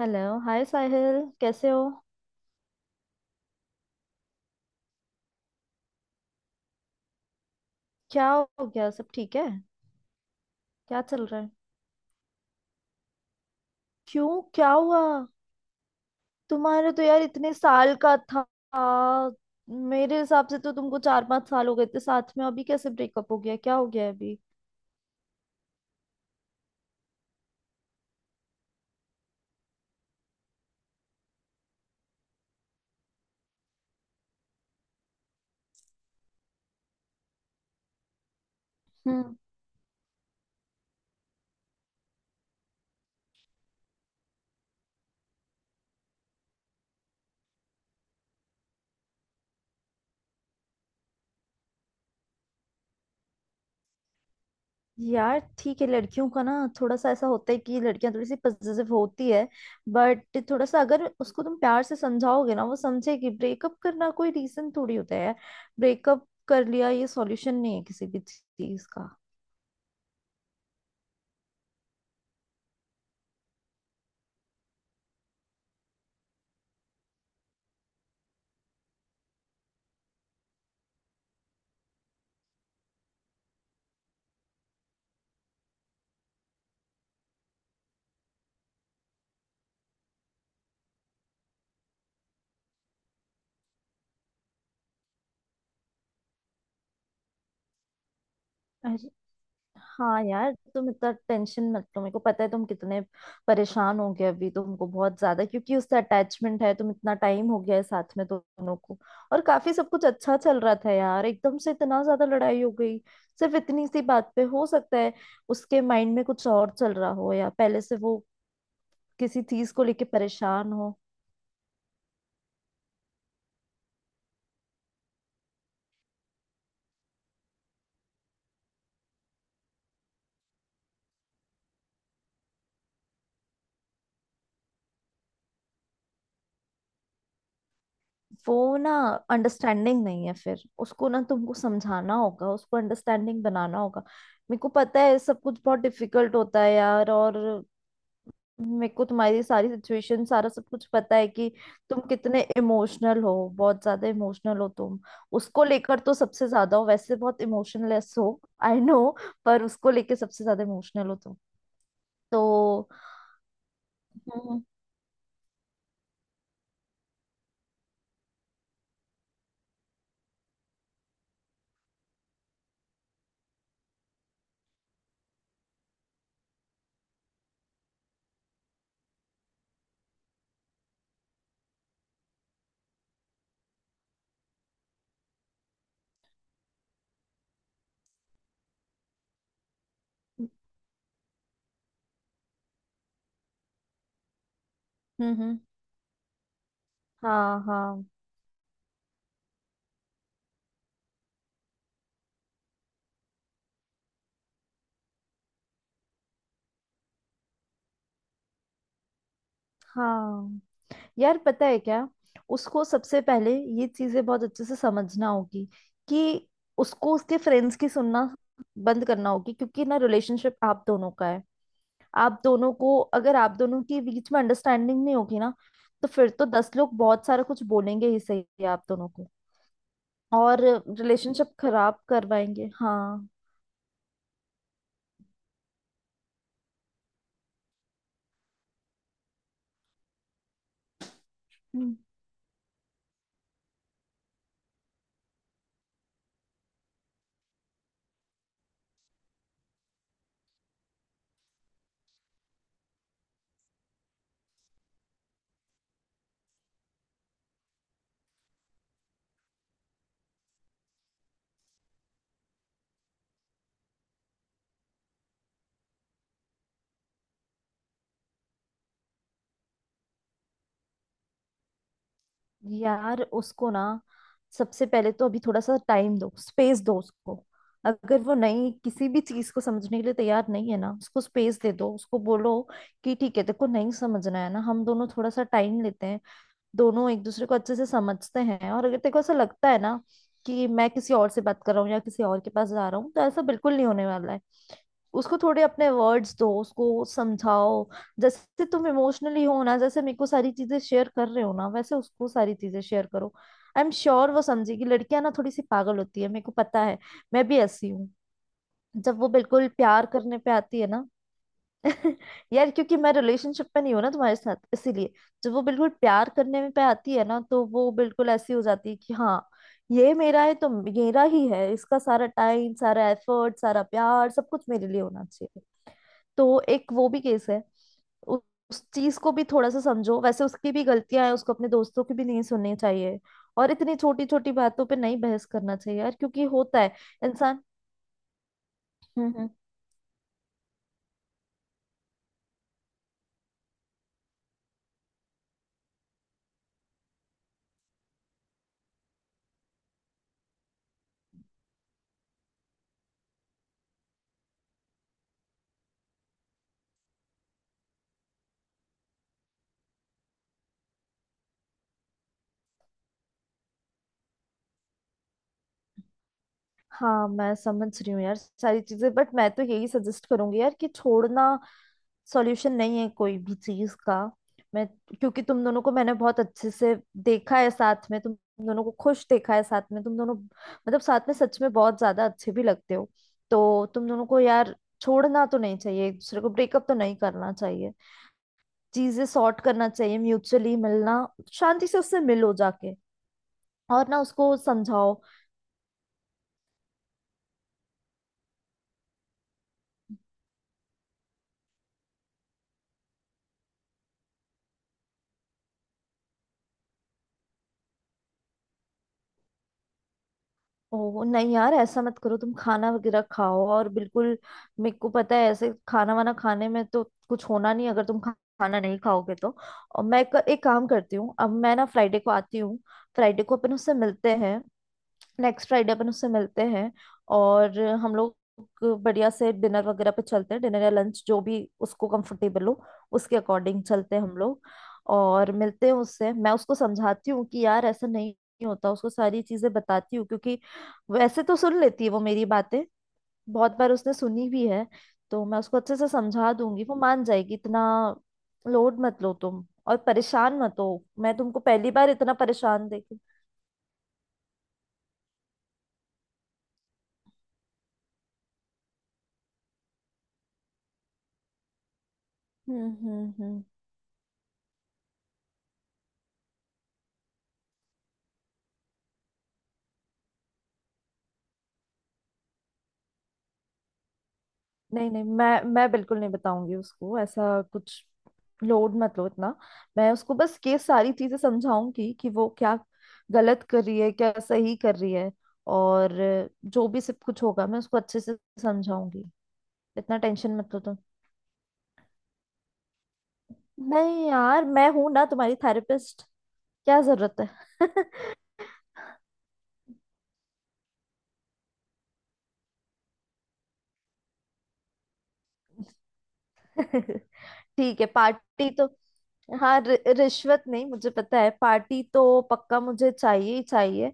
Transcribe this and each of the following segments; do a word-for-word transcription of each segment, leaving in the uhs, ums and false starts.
Hello. Hi Sahil, कैसे हो? क्या हो गया? सब ठीक है? क्या चल रहा है? क्यों? क्या हुआ? तुम्हारे तो यार इतने साल का था। मेरे हिसाब से तो तुमको चार पांच साल हो गए थे साथ में। अभी कैसे ब्रेकअप हो गया? क्या हो गया है अभी? हम्म। यार ठीक है, लड़कियों का ना थोड़ा सा ऐसा होता है कि लड़कियां थोड़ी सी पजेसिव होती है। बट थोड़ा सा अगर उसको तुम प्यार से समझाओगे ना, वो समझेगी। ब्रेकअप करना कोई रीजन थोड़ी होता है यार। ब्रेकअप कर लिया, ये सॉल्यूशन नहीं है किसी भी चीज का। हाँ यार, तुम इतना टेंशन मत लो। मेरे को पता है तुम कितने परेशान हो गए अभी, तुमको बहुत ज्यादा क्योंकि उससे अटैचमेंट है। तुम इतना टाइम हो गया है साथ में दोनों को, और काफी सब कुछ अच्छा चल रहा था यार। एकदम से इतना ज्यादा लड़ाई हो गई सिर्फ इतनी सी बात पे। हो सकता है उसके माइंड में कुछ और चल रहा हो, या पहले से वो किसी चीज को लेके परेशान हो। वो ना अंडरस्टैंडिंग नहीं है, फिर उसको ना तुमको समझाना होगा, उसको अंडरस्टैंडिंग बनाना होगा। मेरे को पता है सब कुछ बहुत डिफिकल्ट होता है यार, और मेरे को तुम्हारी सारी सिचुएशन सारा सब कुछ पता है कि तुम कितने इमोशनल हो। बहुत ज्यादा इमोशनल हो तुम, उसको लेकर तो सबसे ज्यादा हो। वैसे बहुत इमोशनलेस हो, आई नो, पर उसको लेके सबसे ज्यादा इमोशनल हो तुम। तो हम्म। हम्म हम्म, हाँ हाँ हाँ यार पता है क्या, उसको सबसे पहले ये चीजें बहुत अच्छे से समझना होगी। कि उसको उसके फ्रेंड्स की सुनना बंद करना होगी, क्योंकि ना रिलेशनशिप आप दोनों का है। आप दोनों को, अगर आप दोनों के बीच में अंडरस्टैंडिंग नहीं होगी ना, तो फिर तो दस लोग बहुत सारा कुछ बोलेंगे ही, सही आप दोनों को और रिलेशनशिप खराब करवाएंगे। हाँ। हम्म, यार उसको ना सबसे पहले तो अभी थोड़ा सा टाइम दो, स्पेस दो उसको। अगर वो नहीं, किसी भी चीज को समझने के लिए तैयार नहीं है ना, उसको स्पेस दे दो। उसको बोलो कि ठीक है, देखो नहीं समझना है ना, हम दोनों थोड़ा सा टाइम लेते हैं। दोनों एक दूसरे को अच्छे से समझते हैं। और अगर तेरे को ऐसा लगता है ना कि मैं किसी और से बात कर रहा हूँ या किसी और के पास जा रहा हूँ, तो ऐसा बिल्कुल नहीं होने वाला है। उसको थोड़े अपने वर्ड्स दो, उसको समझाओ। जैसे तुम इमोशनली हो ना, जैसे मेरे को सारी चीजें शेयर कर रहे हो ना, वैसे उसको सारी चीजें शेयर करो। आई एम श्योर वो समझेगी। लड़कियां ना थोड़ी सी पागल होती है, मेरे को पता है, मैं भी ऐसी हूँ। जब वो बिल्कुल प्यार करने पे आती है ना। यार क्योंकि मैं रिलेशनशिप में नहीं हूं ना तुम्हारे साथ, इसीलिए। जब वो बिल्कुल प्यार करने में पे आती है ना, तो वो बिल्कुल ऐसी हो जाती है कि हाँ, ये मेरा है तो मेरा ही है। इसका सारा टाइम, सारा एफर्ट, सारा प्यार, सब कुछ मेरे लिए होना चाहिए। तो एक वो भी केस है। उ- उस चीज को भी थोड़ा सा समझो। वैसे उसकी भी गलतियां हैं, उसको अपने दोस्तों की भी नहीं सुननी चाहिए, और इतनी छोटी छोटी बातों पे नहीं बहस करना चाहिए यार, क्योंकि होता है इंसान। हम्म हम्म हाँ मैं समझ रही हूँ यार सारी चीजें, बट मैं तो यही सजेस्ट करूंगी यार कि छोड़ना सॉल्यूशन नहीं है कोई भी चीज का। मैं, क्योंकि तुम दोनों को मैंने बहुत अच्छे से देखा है साथ में, तुम दोनों को खुश देखा है साथ में। तुम दोनों मतलब साथ में सच में बहुत ज्यादा अच्छे भी लगते हो। तो तुम दोनों को यार छोड़ना तो नहीं चाहिए एक दूसरे को, ब्रेकअप तो नहीं करना चाहिए। चीजें सॉर्ट करना चाहिए म्यूचुअली। मिलना, शांति से उससे मिलो जाके, और ना उसको समझाओ। ओ नहीं यार, ऐसा मत करो, तुम खाना वगैरह खाओ। और बिल्कुल, मेरे को पता है ऐसे खाना वाना खाने में तो कुछ होना नहीं, अगर तुम खा, खाना नहीं खाओगे तो। और मैं क- एक काम करती हूँ, अब मैं ना फ्राइडे को आती हूँ, फ्राइडे को अपन उससे मिलते हैं। नेक्स्ट फ्राइडे अपन उससे मिलते हैं, और हम लोग बढ़िया से डिनर वगैरह पे चलते हैं। डिनर या लंच, जो भी उसको कंफर्टेबल हो, उसके अकॉर्डिंग चलते हैं हम लोग। और मिलते हैं उससे। मैं उसको समझाती हूँ कि यार ऐसा नहीं होता, उसको सारी चीजें बताती हूँ, क्योंकि वैसे तो सुन लेती है वो मेरी बातें, बहुत बार उसने सुनी भी है। तो मैं उसको अच्छे से समझा दूंगी, वो मान जाएगी। इतना लोड मत लो तुम, और परेशान मत हो। मैं तुमको पहली बार इतना परेशान देखी। हम्म हम्म हम्म नहीं नहीं, मैं मैं बिल्कुल नहीं बताऊंगी उसको ऐसा कुछ। लोड मत लो इतना। मैं उसको बस ये सारी चीजें समझाऊंगी कि वो क्या गलत कर रही है, क्या सही कर रही है। और जो भी सब कुछ होगा, मैं उसको अच्छे से समझाऊंगी। इतना टेंशन मत लो तुम। नहीं यार, मैं हूं ना तुम्हारी थेरेपिस्ट, क्या जरूरत है। ठीक है, पार्टी तो हाँ। रि- रिश्वत नहीं, मुझे पता है, पार्टी तो पक्का मुझे चाहिए ही चाहिए।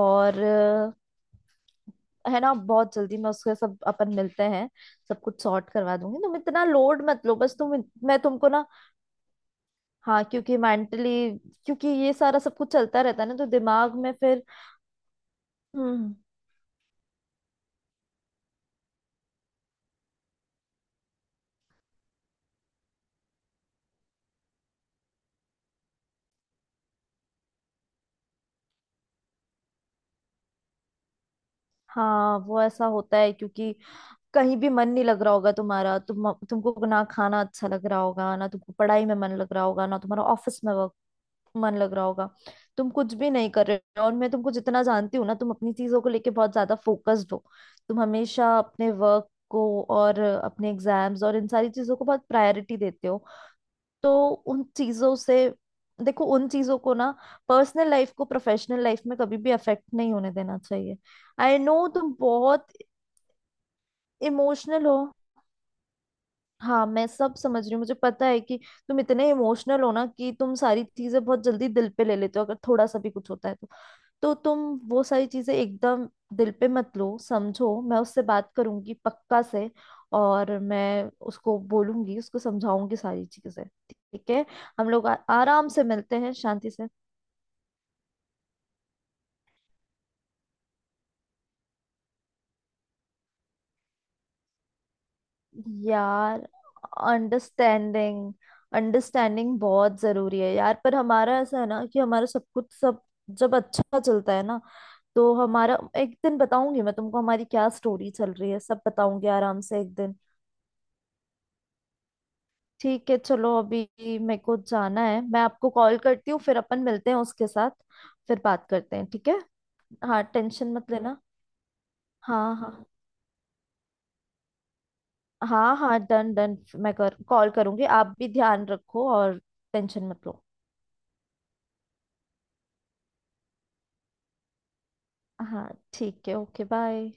और है ना, बहुत जल्दी मैं उसके सब, अपन मिलते हैं, सब कुछ सॉर्ट करवा दूंगी। तुम इतना लोड मत लो बस, तुम मैं तुमको ना। हाँ, क्योंकि मेंटली, क्योंकि ये सारा सब कुछ चलता रहता है ना, तो दिमाग में फिर। हम्म। हाँ वो ऐसा होता है, क्योंकि कहीं भी मन नहीं लग रहा होगा तुम्हारा। तुम तुमको ना खाना अच्छा लग रहा होगा, ना तुमको पढ़ाई में मन लग रहा होगा, ना तुम्हारा ऑफिस में मन लग रहा होगा, तुम कुछ भी नहीं कर रहे हो। और मैं तुमको जितना जानती हूँ ना, तुम अपनी चीजों को लेके बहुत ज्यादा फोकस्ड हो। तुम हमेशा अपने वर्क को, और अपने एग्जाम्स, और इन सारी चीजों को बहुत प्रायोरिटी देते हो। तो उन चीजों से, देखो उन चीजों को ना, पर्सनल लाइफ को प्रोफेशनल लाइफ में कभी भी अफेक्ट नहीं होने देना चाहिए। आई नो, तुम बहुत इमोशनल हो। हाँ मैं सब समझ रही हूँ, मुझे पता है कि तुम इतने इमोशनल हो ना, कि तुम सारी चीजें बहुत जल्दी दिल पे ले लेते हो। अगर थोड़ा सा भी कुछ होता है तो तो तुम वो सारी चीजें एकदम दिल पे मत लो। समझो, मैं उससे बात करूंगी पक्का से। और मैं उसको बोलूंगी, उसको समझाऊंगी सारी चीजें ठीक है। हम लोग आ, आराम से मिलते हैं, शांति से। यार अंडरस्टैंडिंग अंडरस्टैंडिंग बहुत जरूरी है यार। पर हमारा ऐसा है ना कि हमारा सब कुछ सब, जब अच्छा चलता है ना, तो हमारा, एक दिन बताऊंगी मैं तुमको हमारी क्या स्टोरी चल रही है, सब बताऊंगी आराम से एक दिन। ठीक है, चलो अभी मेरे को जाना है। मैं आपको कॉल करती हूँ, फिर अपन मिलते हैं उसके साथ, फिर बात करते हैं ठीक है। हाँ टेंशन मत लेना। हाँ हाँ हाँ हाँ डन डन। मैं कर कॉल करूंगी, आप भी ध्यान रखो, और टेंशन मत लो। हाँ ठीक है, ओके बाय।